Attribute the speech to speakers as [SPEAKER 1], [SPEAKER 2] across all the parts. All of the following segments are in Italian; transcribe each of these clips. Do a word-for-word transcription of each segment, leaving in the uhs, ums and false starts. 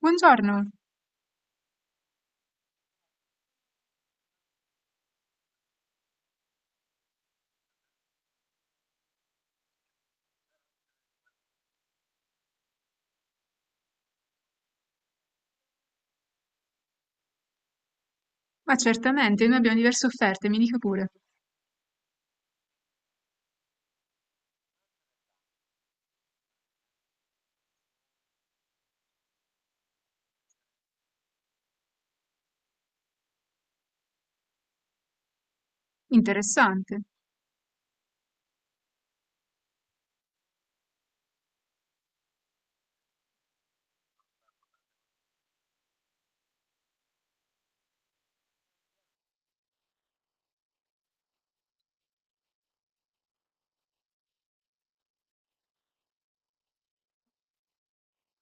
[SPEAKER 1] Buongiorno! Ma certamente, noi abbiamo diverse offerte, mi dica pure. Interessante.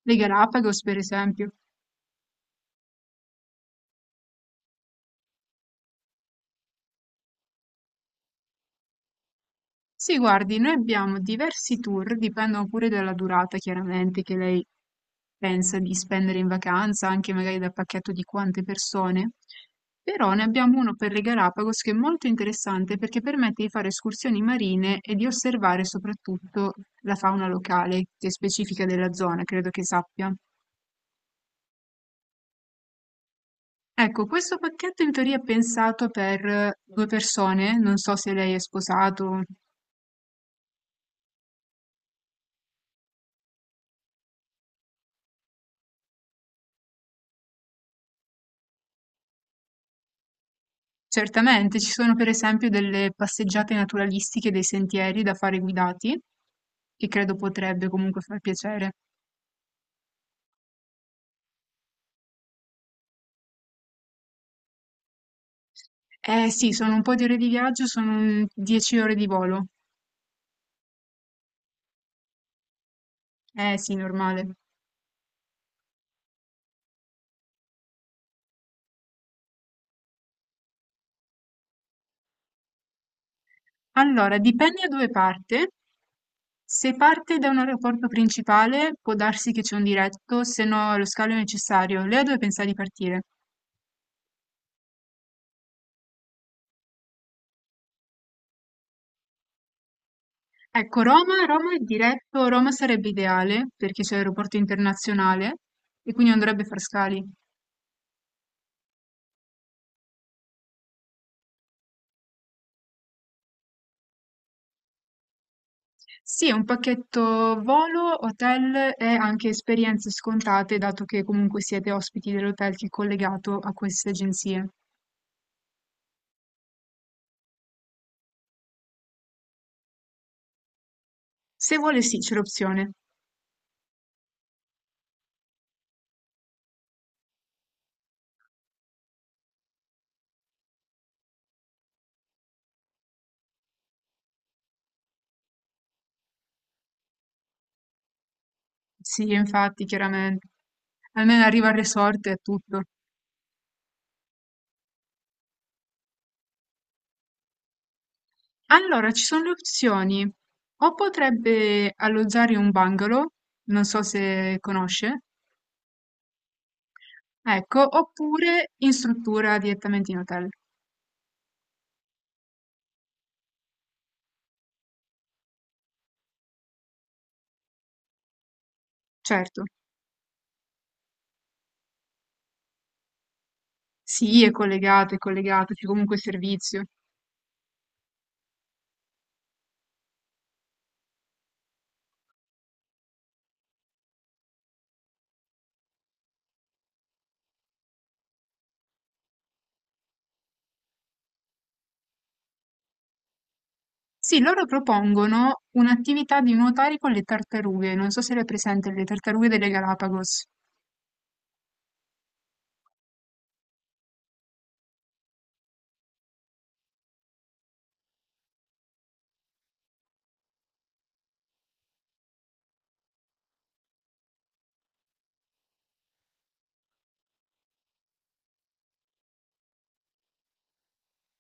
[SPEAKER 1] Le Galapagos, per esempio. Sì, guardi, noi abbiamo diversi tour, dipendono pure dalla durata, chiaramente, che lei pensa di spendere in vacanza, anche magari dal pacchetto di quante persone. Però ne abbiamo uno per le Galapagos che è molto interessante perché permette di fare escursioni marine e di osservare soprattutto la fauna locale, che è specifica della zona, credo che sappia. Ecco, questo pacchetto in teoria è pensato per eh, due persone, non so se lei è sposato. Certamente, ci sono per esempio delle passeggiate naturalistiche, dei sentieri da fare guidati, che credo potrebbe comunque far piacere. Eh sì, sono un po' di ore di viaggio, sono un dieci ore di volo. Eh sì, normale. Allora, dipende da dove parte. Se parte da un aeroporto principale, può darsi che c'è un diretto, se no lo scalo è necessario. Lei a dove pensa di partire? Ecco, Roma, Roma è diretto, Roma sarebbe ideale perché c'è l'aeroporto internazionale e quindi non dovrebbe far scali. Sì, è un pacchetto volo, hotel e anche esperienze scontate, dato che comunque siete ospiti dell'hotel che è collegato a queste agenzie. Se vuole, sì, c'è l'opzione. Sì, infatti, chiaramente. Almeno arriva al resort e è tutto. Allora, ci sono le opzioni. O potrebbe alloggiare in un bungalow, non so se conosce. Ecco, oppure in struttura direttamente in hotel. Certo, sì, è collegato, è collegato, c'è comunque servizio. Sì, loro propongono un'attività di nuotare con le tartarughe. Non so se le hai presente, le tartarughe delle Galapagos.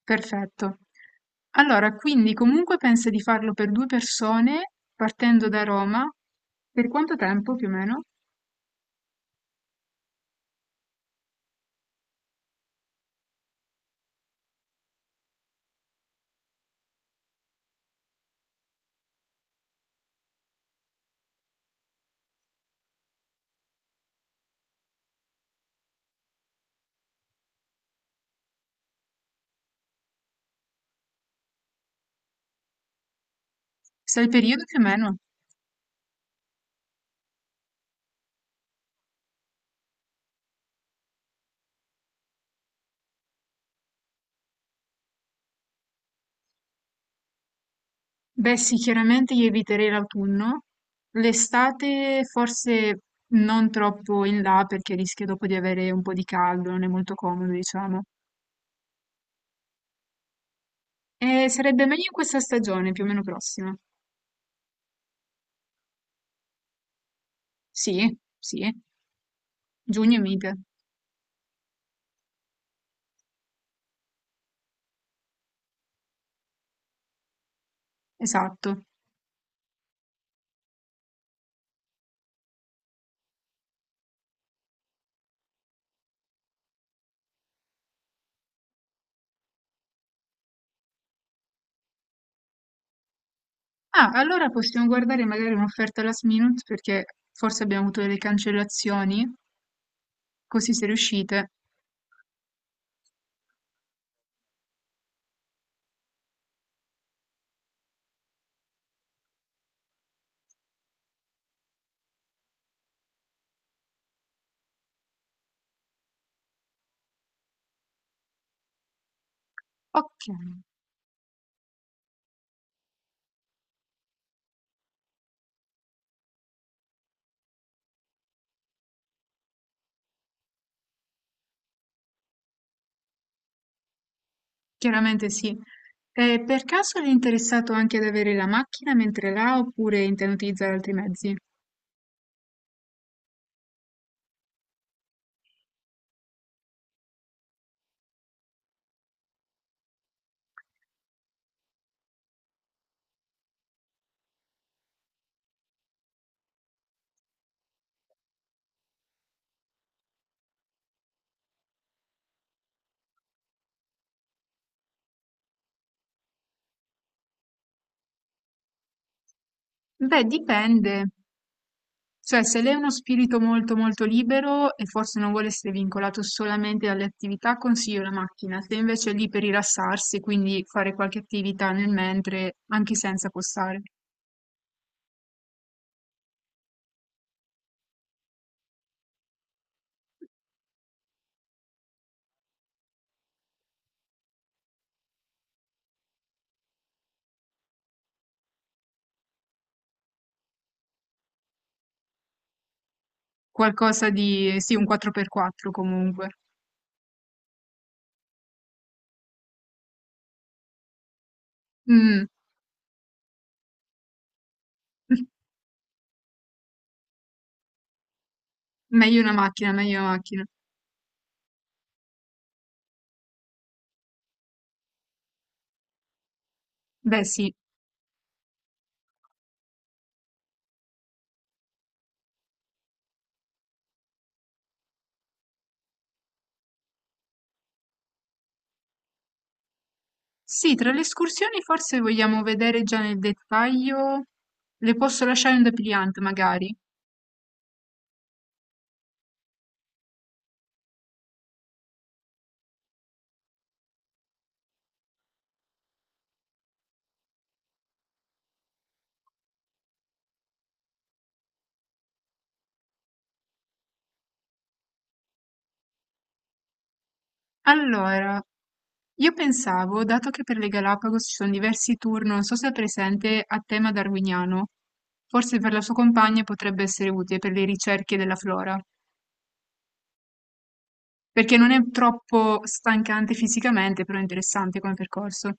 [SPEAKER 1] Perfetto. Allora, quindi comunque pensa di farlo per due persone partendo da Roma. Per quanto tempo più o meno? Sai il periodo più o meno? Beh, sì, chiaramente io eviterei l'autunno. L'estate forse non troppo in là perché rischio dopo di avere un po' di caldo, non è molto comodo, diciamo. E sarebbe meglio in questa stagione, più o meno prossima. Sì, sì, giugno è mite. Esatto. Ah, allora possiamo guardare magari un'offerta last minute perché forse abbiamo avuto delle cancellazioni, così se riuscite. Ok. Chiaramente sì. E per caso eri interessato anche ad avere la macchina mentre là oppure intendi utilizzare altri mezzi? Beh, dipende. Cioè, se lei è uno spirito molto molto libero e forse non vuole essere vincolato solamente dalle attività, consiglio la macchina. Se invece è lì per rilassarsi, quindi fare qualche attività nel mentre, anche senza costare. Qualcosa di, sì, un quattro per quattro comunque. Mm. Meglio una macchina, meglio una macchina. Beh, sì. Sì, tra le escursioni forse vogliamo vedere già nel dettaglio. Le posso lasciare un depliant, magari. Allora, io pensavo, dato che per le Galapagos ci sono diversi tour, non so se è presente a tema darwiniano, forse per la sua compagna potrebbe essere utile per le ricerche della flora, perché non è troppo stancante fisicamente, però è interessante come percorso.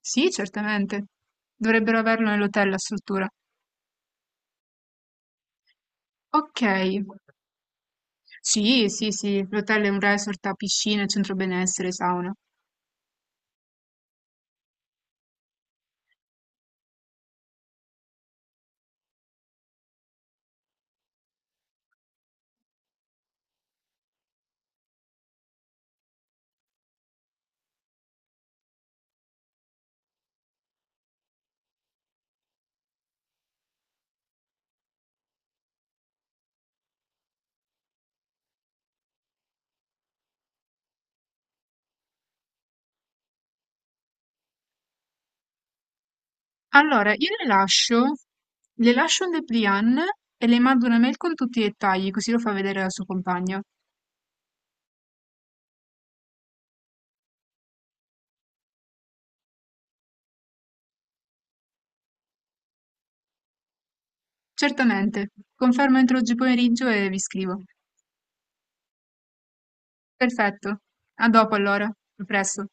[SPEAKER 1] Sì, certamente. Dovrebbero averlo nell'hotel la struttura. Ok. Sì, sì, sì, l'hotel è un resort a piscina, centro benessere, sauna. Allora, io le lascio, le lascio un dépliant e le mando una mail con tutti i dettagli, così lo fa vedere al suo compagno. Certamente, confermo entro oggi pomeriggio e vi scrivo. Perfetto, a dopo allora, a presto.